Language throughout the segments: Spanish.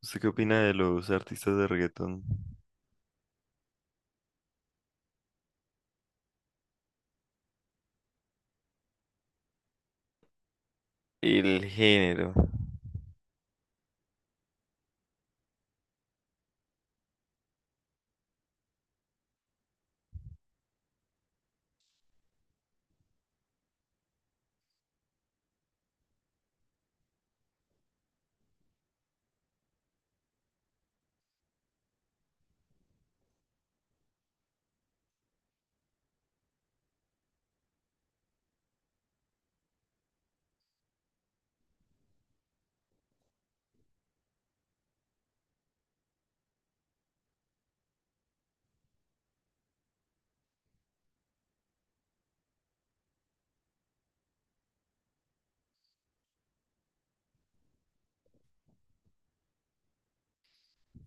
¿Usted qué opina de los artistas de reggaetón? El género.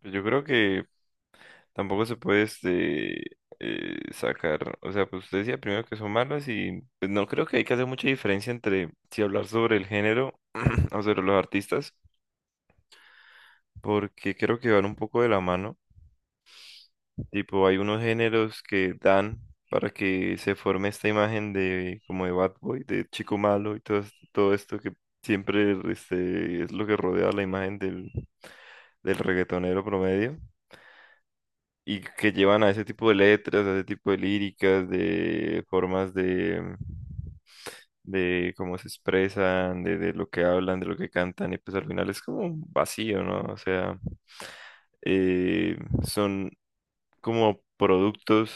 Pues yo creo que tampoco se puede sacar. O sea, pues usted decía primero que son malos y pues, no creo que hay que hacer mucha diferencia entre si hablar sobre el género o sobre los artistas, porque creo que van un poco de la mano. Tipo, hay unos géneros que dan para que se forme esta imagen de como de bad boy, de chico malo y todo, todo esto que siempre es lo que rodea la imagen del reggaetonero promedio y que llevan a ese tipo de letras, a ese tipo de líricas, de formas de cómo se expresan, de lo que hablan, de lo que cantan y pues al final es como un vacío, ¿no? O sea, eh, son como productos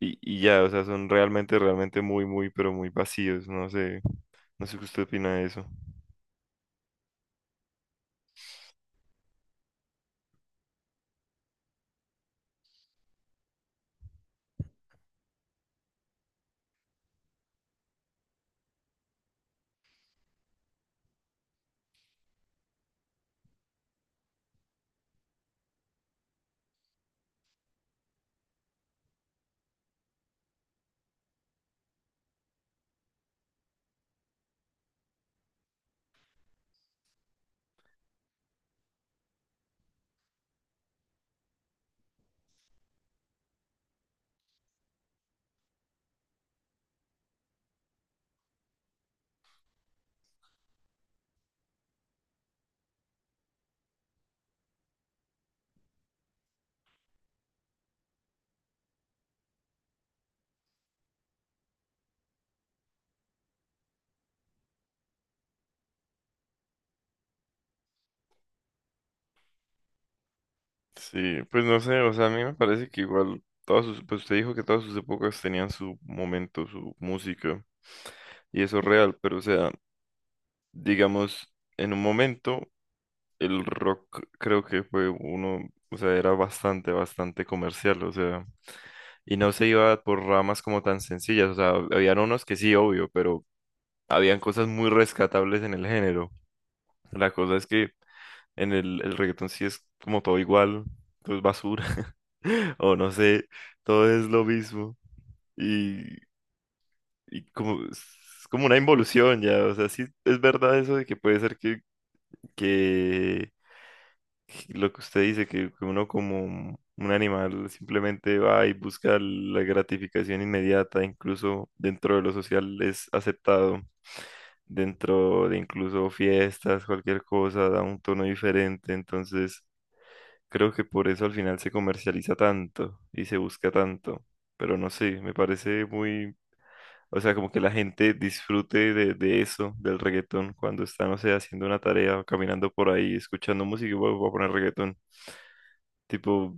y ya, o sea, son realmente muy, muy, pero muy vacíos, no sé, no sé qué usted opina de eso. Sí, pues no sé, o sea, a mí me parece que igual todas sus, pues usted dijo que todas sus épocas tenían su momento, su música, y eso es real, pero o sea, digamos, en un momento el rock creo que fue uno, o sea, era bastante, bastante comercial, o sea, y no se iba por ramas como tan sencillas, o sea, habían unos que sí, obvio, pero habían cosas muy rescatables en el género. La cosa es que en el reggaetón sí es como todo igual, todo es basura, o no sé, todo es lo mismo. Y, y como, es como una involución ya, o sea, sí es verdad eso de que puede ser que lo que usted dice, que uno como un animal simplemente va y busca la gratificación inmediata, incluso dentro de lo social es aceptado, dentro de incluso fiestas, cualquier cosa, da un tono diferente, entonces. Creo que por eso al final se comercializa tanto y se busca tanto. Pero no sé, me parece muy, o sea, como que la gente disfrute de eso, del reggaetón, cuando está, no sé, haciendo una tarea o caminando por ahí, escuchando música y "Bueno, voy a poner reggaetón". Tipo,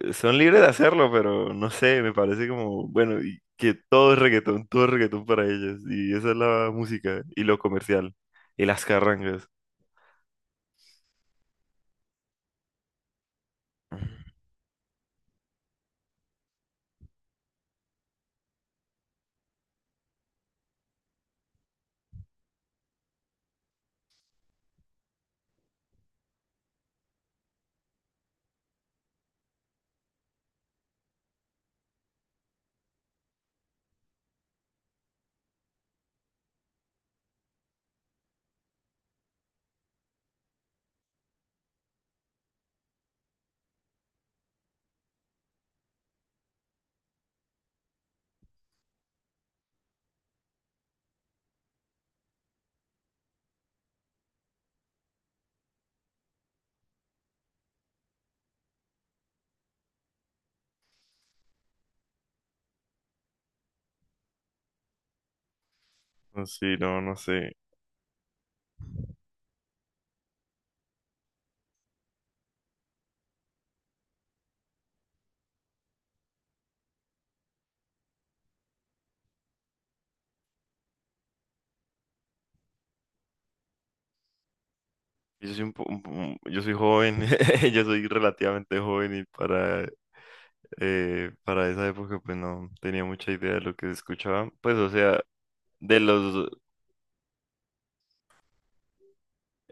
son libres de hacerlo, pero no sé, me parece como, bueno, y que todo es reggaetón para ellos. Y esa es la música y lo comercial y las carrangas. No, sí, no, no sé. Yo soy un po- Yo soy joven, yo soy relativamente joven y para esa época pues no tenía mucha idea de lo que se escuchaba. Pues o sea, de los,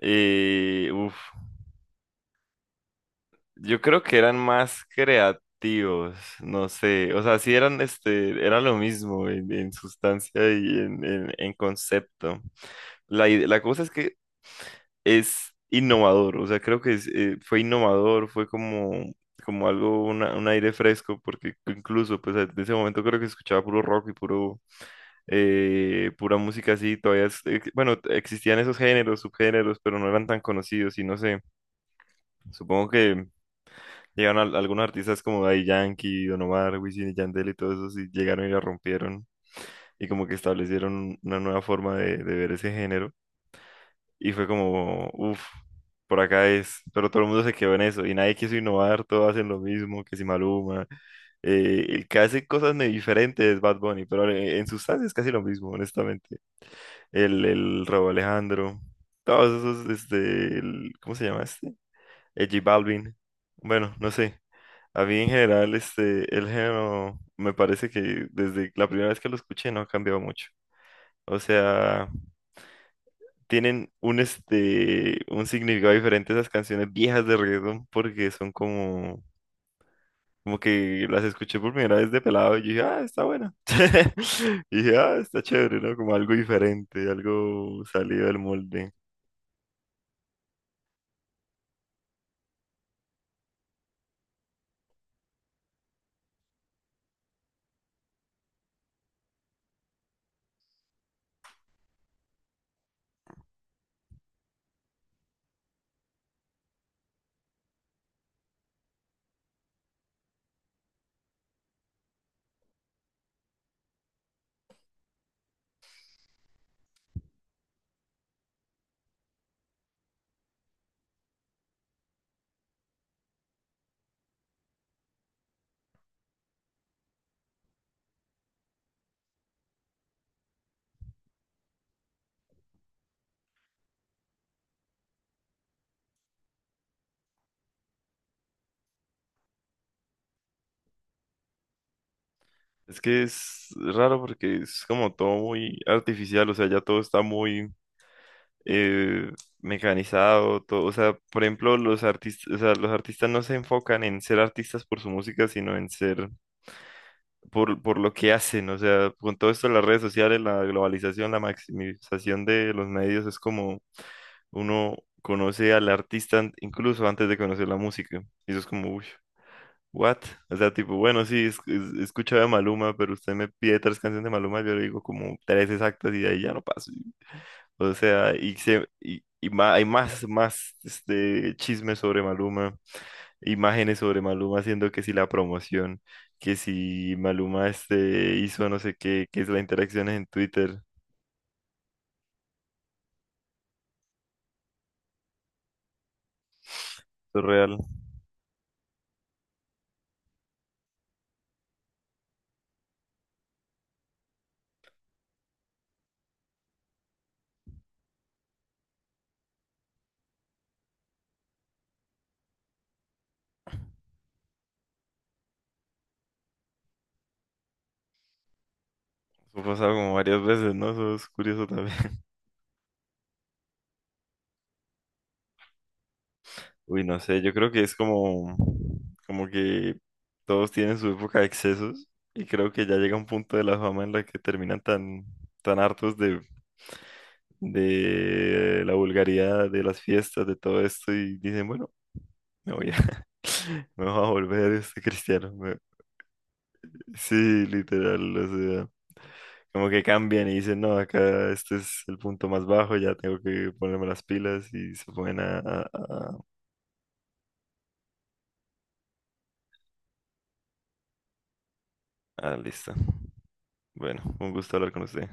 uf, yo creo que eran más creativos, no sé, o sea, sí eran, este, era lo mismo en sustancia y en concepto. La cosa es que es innovador, o sea, creo que es, fue innovador, fue como, como algo, un aire fresco, porque incluso, pues, en ese momento creo que escuchaba puro rock y puro, pura música así, todavía, bueno, existían esos géneros, subgéneros, pero no eran tan conocidos y no sé, supongo que llegaron algunos artistas como Daddy Yankee, Don Omar, Wisin y Yandel y todos esos y llegaron y la rompieron y como que establecieron una nueva forma de ver ese género. Y fue como, uff, por acá es. Pero todo el mundo se quedó en eso y nadie quiso innovar, todos hacen lo mismo, que si Maluma. El que hace cosas diferentes es Bad Bunny, pero en sustancia es casi lo mismo, honestamente. El Rauw Alejandro, todos esos, este, el- ¿cómo se llama este? El J Balvin. Bueno, no sé. A mí en general, este, el género me parece que desde la primera vez que lo escuché no ha cambiado mucho. O sea, tienen un, este, un significado diferente esas canciones viejas de reggaetón porque son como, como que las escuché por primera vez de pelado y yo dije, ah, está buena. Y dije, ah, está chévere, ¿no? Como algo diferente, algo salido del molde. Es que es raro porque es como todo muy artificial, o sea, ya todo está muy eh, mecanizado, todo, o sea, por ejemplo, los artistas, o sea, los artistas no se enfocan en ser artistas por su música, sino en ser por lo que hacen, o sea, con todo esto de las redes sociales, la globalización, la maximización de los medios, es como uno conoce al incluso antes de conocer la música. Y eso es como, uy, what? O sea, tipo, bueno, sí, he escuchado a Maluma, pero usted me pide tres canciones de Maluma, yo le digo como tres exactas y de ahí ya no paso. O sea, y, se, y ma- hay más, más este, chismes sobre Maluma, imágenes sobre Maluma haciendo que si la promoción, que si Maluma este hizo no sé qué, que es la interacción en Twitter, eso es real. Eso ha pasado como varias veces, ¿no? Eso es curioso también. Uy, no sé, yo creo que es como, como que todos tienen su época de excesos y creo que ya llega un punto de la fama en la que terminan tan, tan hartos de la vulgaridad, de las fiestas, de todo esto y dicen, bueno, me voy a, me voy a volver este cristiano. Sí, literal, o sea, como que cambian y dicen, no, acá este es el punto más bajo, ya tengo que ponerme las pilas y se ponen a... Ah, listo. Bueno, un gusto hablar con usted.